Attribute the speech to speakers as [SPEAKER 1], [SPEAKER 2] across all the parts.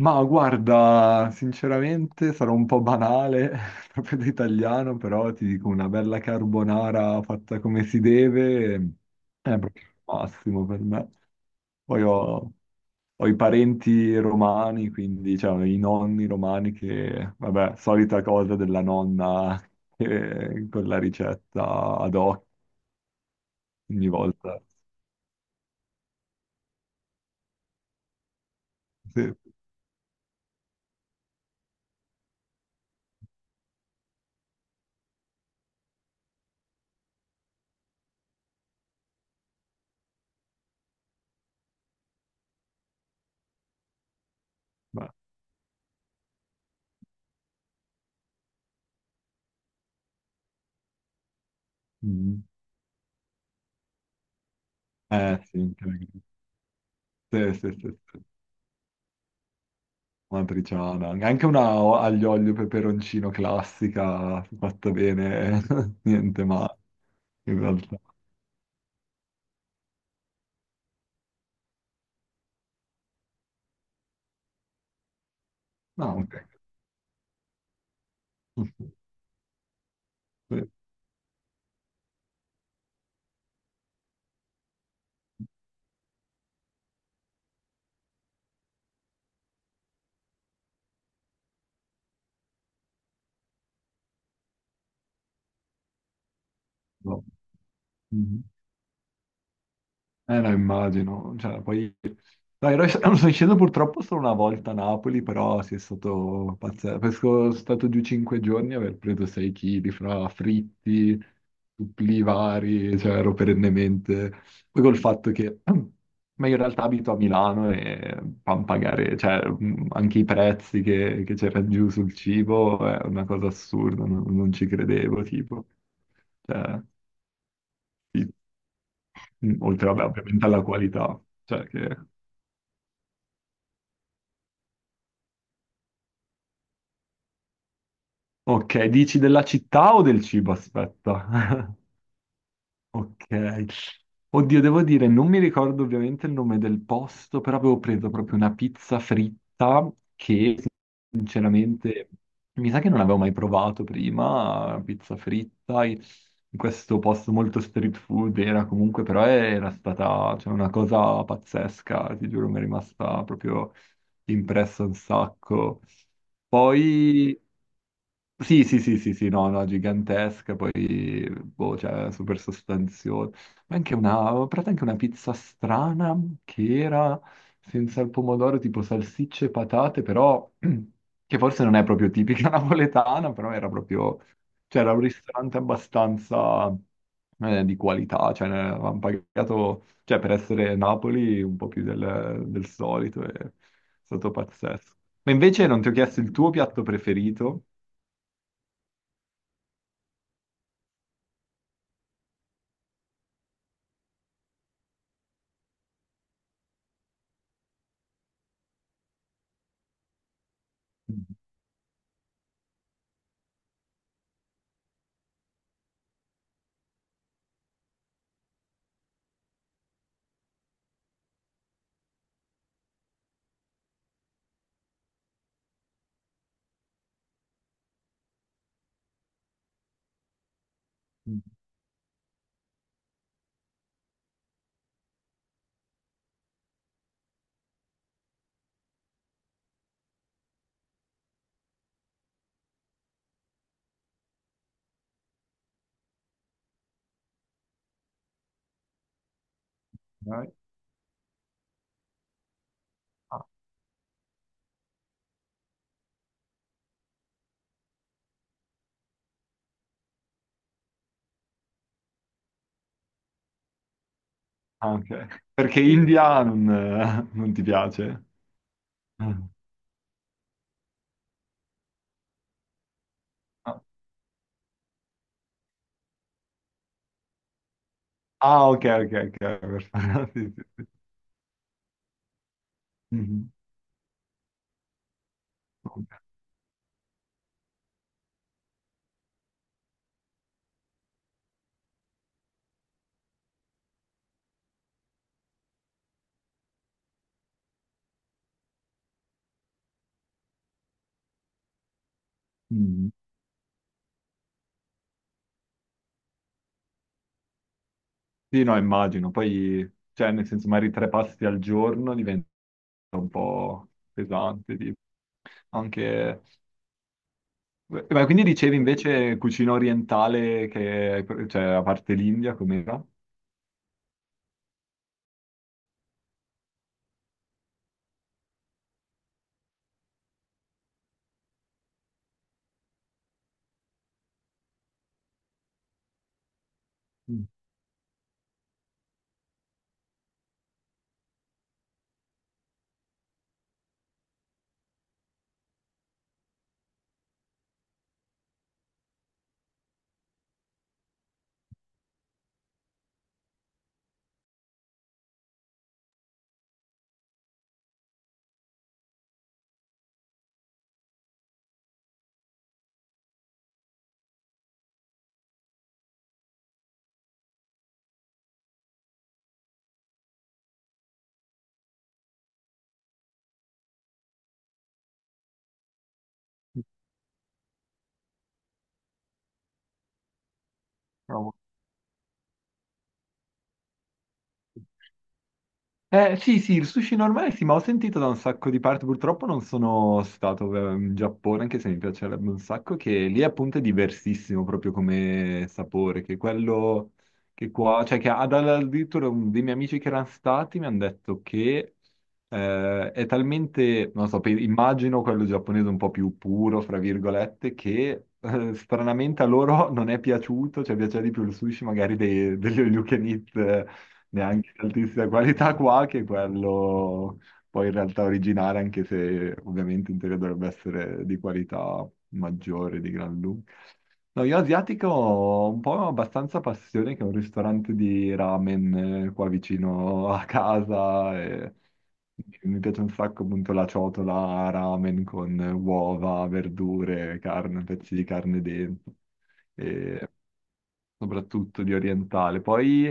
[SPEAKER 1] Ma guarda, sinceramente sarò un po' banale, proprio da italiano, però ti dico una bella carbonara fatta come si deve è proprio il massimo per me. Poi ho i parenti romani, quindi cioè, ho i nonni romani che, vabbè, solita cosa della nonna con la ricetta ad hoc ogni volta. Sì, beh, mm. Eh sì, sì, sì, sì, sì. Matriciana, aglio olio e peperoncino classica fatta bene, niente male in realtà. No, ok. Sì, no. Mhm. Eh no, immagino, cioè, poi no, ero, sono sceso purtroppo solo una volta a Napoli, però sì, è stato pazzesco. Sono stato giù 5 giorni e aver preso 6 kg fra fritti, suppli vari, cioè ero perennemente... Poi col fatto che... Ma io in realtà abito a Milano e pan pagare, cioè anche i prezzi che c'erano giù sul cibo è una cosa assurda, non ci credevo, tipo. Cioè, sì, oltre, vabbè, ovviamente alla qualità, cioè che... Ok, dici della città o del cibo? Aspetta. Ok. Oddio, devo dire, non mi ricordo ovviamente il nome del posto, però avevo preso proprio una pizza fritta che sinceramente mi sa che non avevo mai provato prima, pizza fritta in questo posto molto street food era comunque, però era stata cioè, una cosa pazzesca, ti giuro, mi è rimasta proprio impressa un sacco. Poi sì, sì, sì, sì, sì, no, no, gigantesca, poi, boh, cioè, super sostanziosa. Ma anche una, ho provato anche una pizza strana che era senza il pomodoro, tipo salsicce e patate, però, che forse non è proprio tipica napoletana, però era proprio, cioè, era un ristorante abbastanza, di qualità, cioè, ne avevamo pagato, cioè, per essere Napoli, un po' più del solito, e è stato pazzesco. Ma invece non ti ho chiesto il tuo piatto preferito? Dai. Ah, ah, ok. Perché India non, non ti piace? Mm. Ah, ah, ok, ok, ok. Perfetto. Sì, sì, sì. Mhm. Ok. Mm. Sì, no, immagino. Poi, cioè, nel senso, magari 3 pasti al giorno diventa un po' pesante. Tipo. Anche... Beh, ma quindi dicevi invece cucina orientale, che, cioè, a parte l'India, com'era? Mm. Bravo. Sì, sì, il sushi normale sì, ma ho sentito da un sacco di parti, purtroppo non sono stato in Giappone, anche se mi piacerebbe un sacco, che lì appunto è diversissimo proprio come sapore, che quello che qua, cioè che addirittura dei miei amici che erano stati mi hanno detto che è talmente, non so, immagino quello giapponese un po' più puro, fra virgolette, che stranamente a loro non è piaciuto, cioè piaceva di più il sushi magari degli all you can eat, neanche di altissima qualità qua, che è quello poi in realtà originale, anche se ovviamente in teoria dovrebbe essere di qualità maggiore di gran lunga. No, io asiatico ho un po' abbastanza passione che è un ristorante di ramen qua vicino a casa e mi piace un sacco appunto la ciotola ramen con uova, verdure, carne, pezzi di carne dentro e soprattutto di orientale. Poi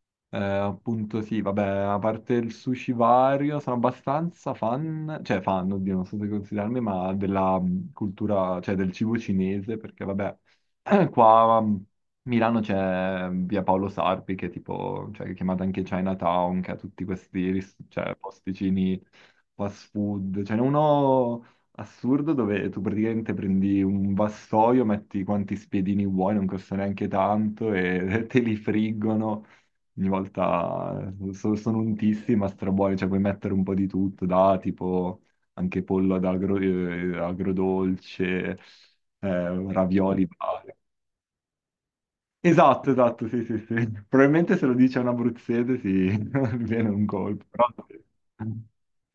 [SPEAKER 1] appunto sì, vabbè, a parte il sushi vario, sono abbastanza fan, cioè fan, oddio, non so se considerarmi, ma della cultura, cioè del cibo cinese, perché vabbè, qua a Milano c'è mm, via Paolo Sarpi, che è tipo, cioè che è chiamata anche Chinatown, che ha tutti questi cioè, posticini fast food, ce n'è uno assurdo dove tu praticamente prendi un vassoio, metti quanti spiedini vuoi, non costa neanche tanto e te li friggono ogni volta sono un tissy ma strabuoni, cioè puoi mettere un po' di tutto, da tipo anche pollo agrodolce, ravioli. Varie. Esatto, esatto, sì, sì, sì. Probabilmente se lo dice un abruzzese sì, mi viene un colpo, però sì.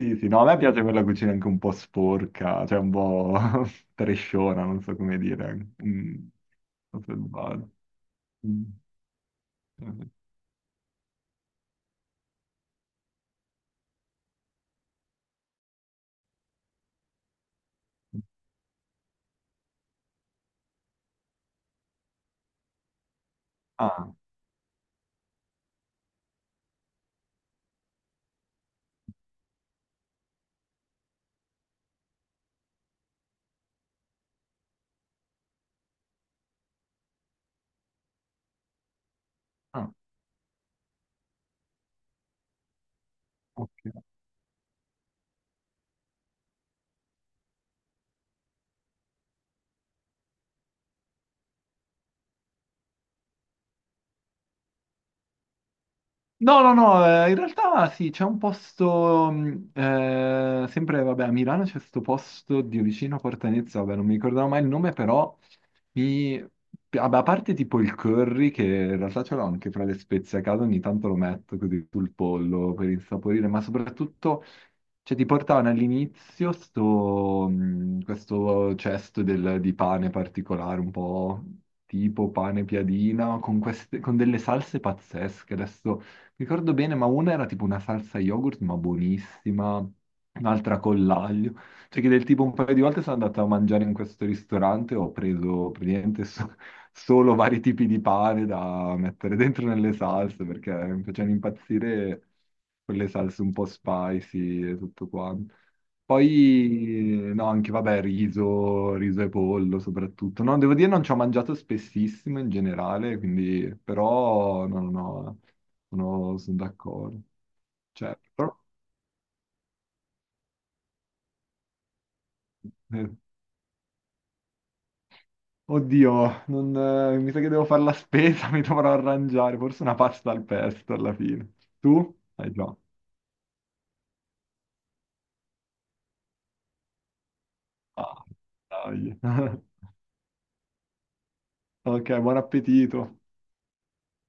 [SPEAKER 1] Sì, sì, no, a me piace quella cucina anche un po' sporca, cioè un po' tresciona, non so come dire. Mm, non so se sbaglio. Mm. Ah, ah, ah. No, no, no, in realtà sì, c'è un posto, sempre, vabbè, a Milano c'è questo posto di vicino a Portanezza, vabbè, non mi ricordavo mai il nome, però mi... Vabbè, a parte tipo il curry, che in realtà ce l'ho anche fra le spezie a casa, ogni tanto lo metto così sul pollo per insaporire, ma soprattutto, cioè, ti portavano all'inizio sto, questo cesto di pane particolare, un po' tipo pane piadina, con, queste, con delle salse pazzesche, adesso ricordo bene, ma una era tipo una salsa yogurt, ma buonissima, un'altra con l'aglio. Cioè che del tipo un paio di volte sono andato a mangiare in questo ristorante, ho preso praticamente solo vari tipi di pane da mettere dentro nelle salse, perché mi facevano impazzire quelle salse un po' spicy e tutto quanto. Poi, no, anche vabbè, riso, riso e pollo soprattutto. No, devo dire non ci ho mangiato spessissimo in generale, quindi, però, no, no, no. Sono, sono d'accordo. Cioè, però eh, oddio, non, mi sa che devo fare la spesa, mi dovrò arrangiare. Forse una pasta al pesto alla fine. Tu? Hai già. Ah, dai. Ok, buon appetito.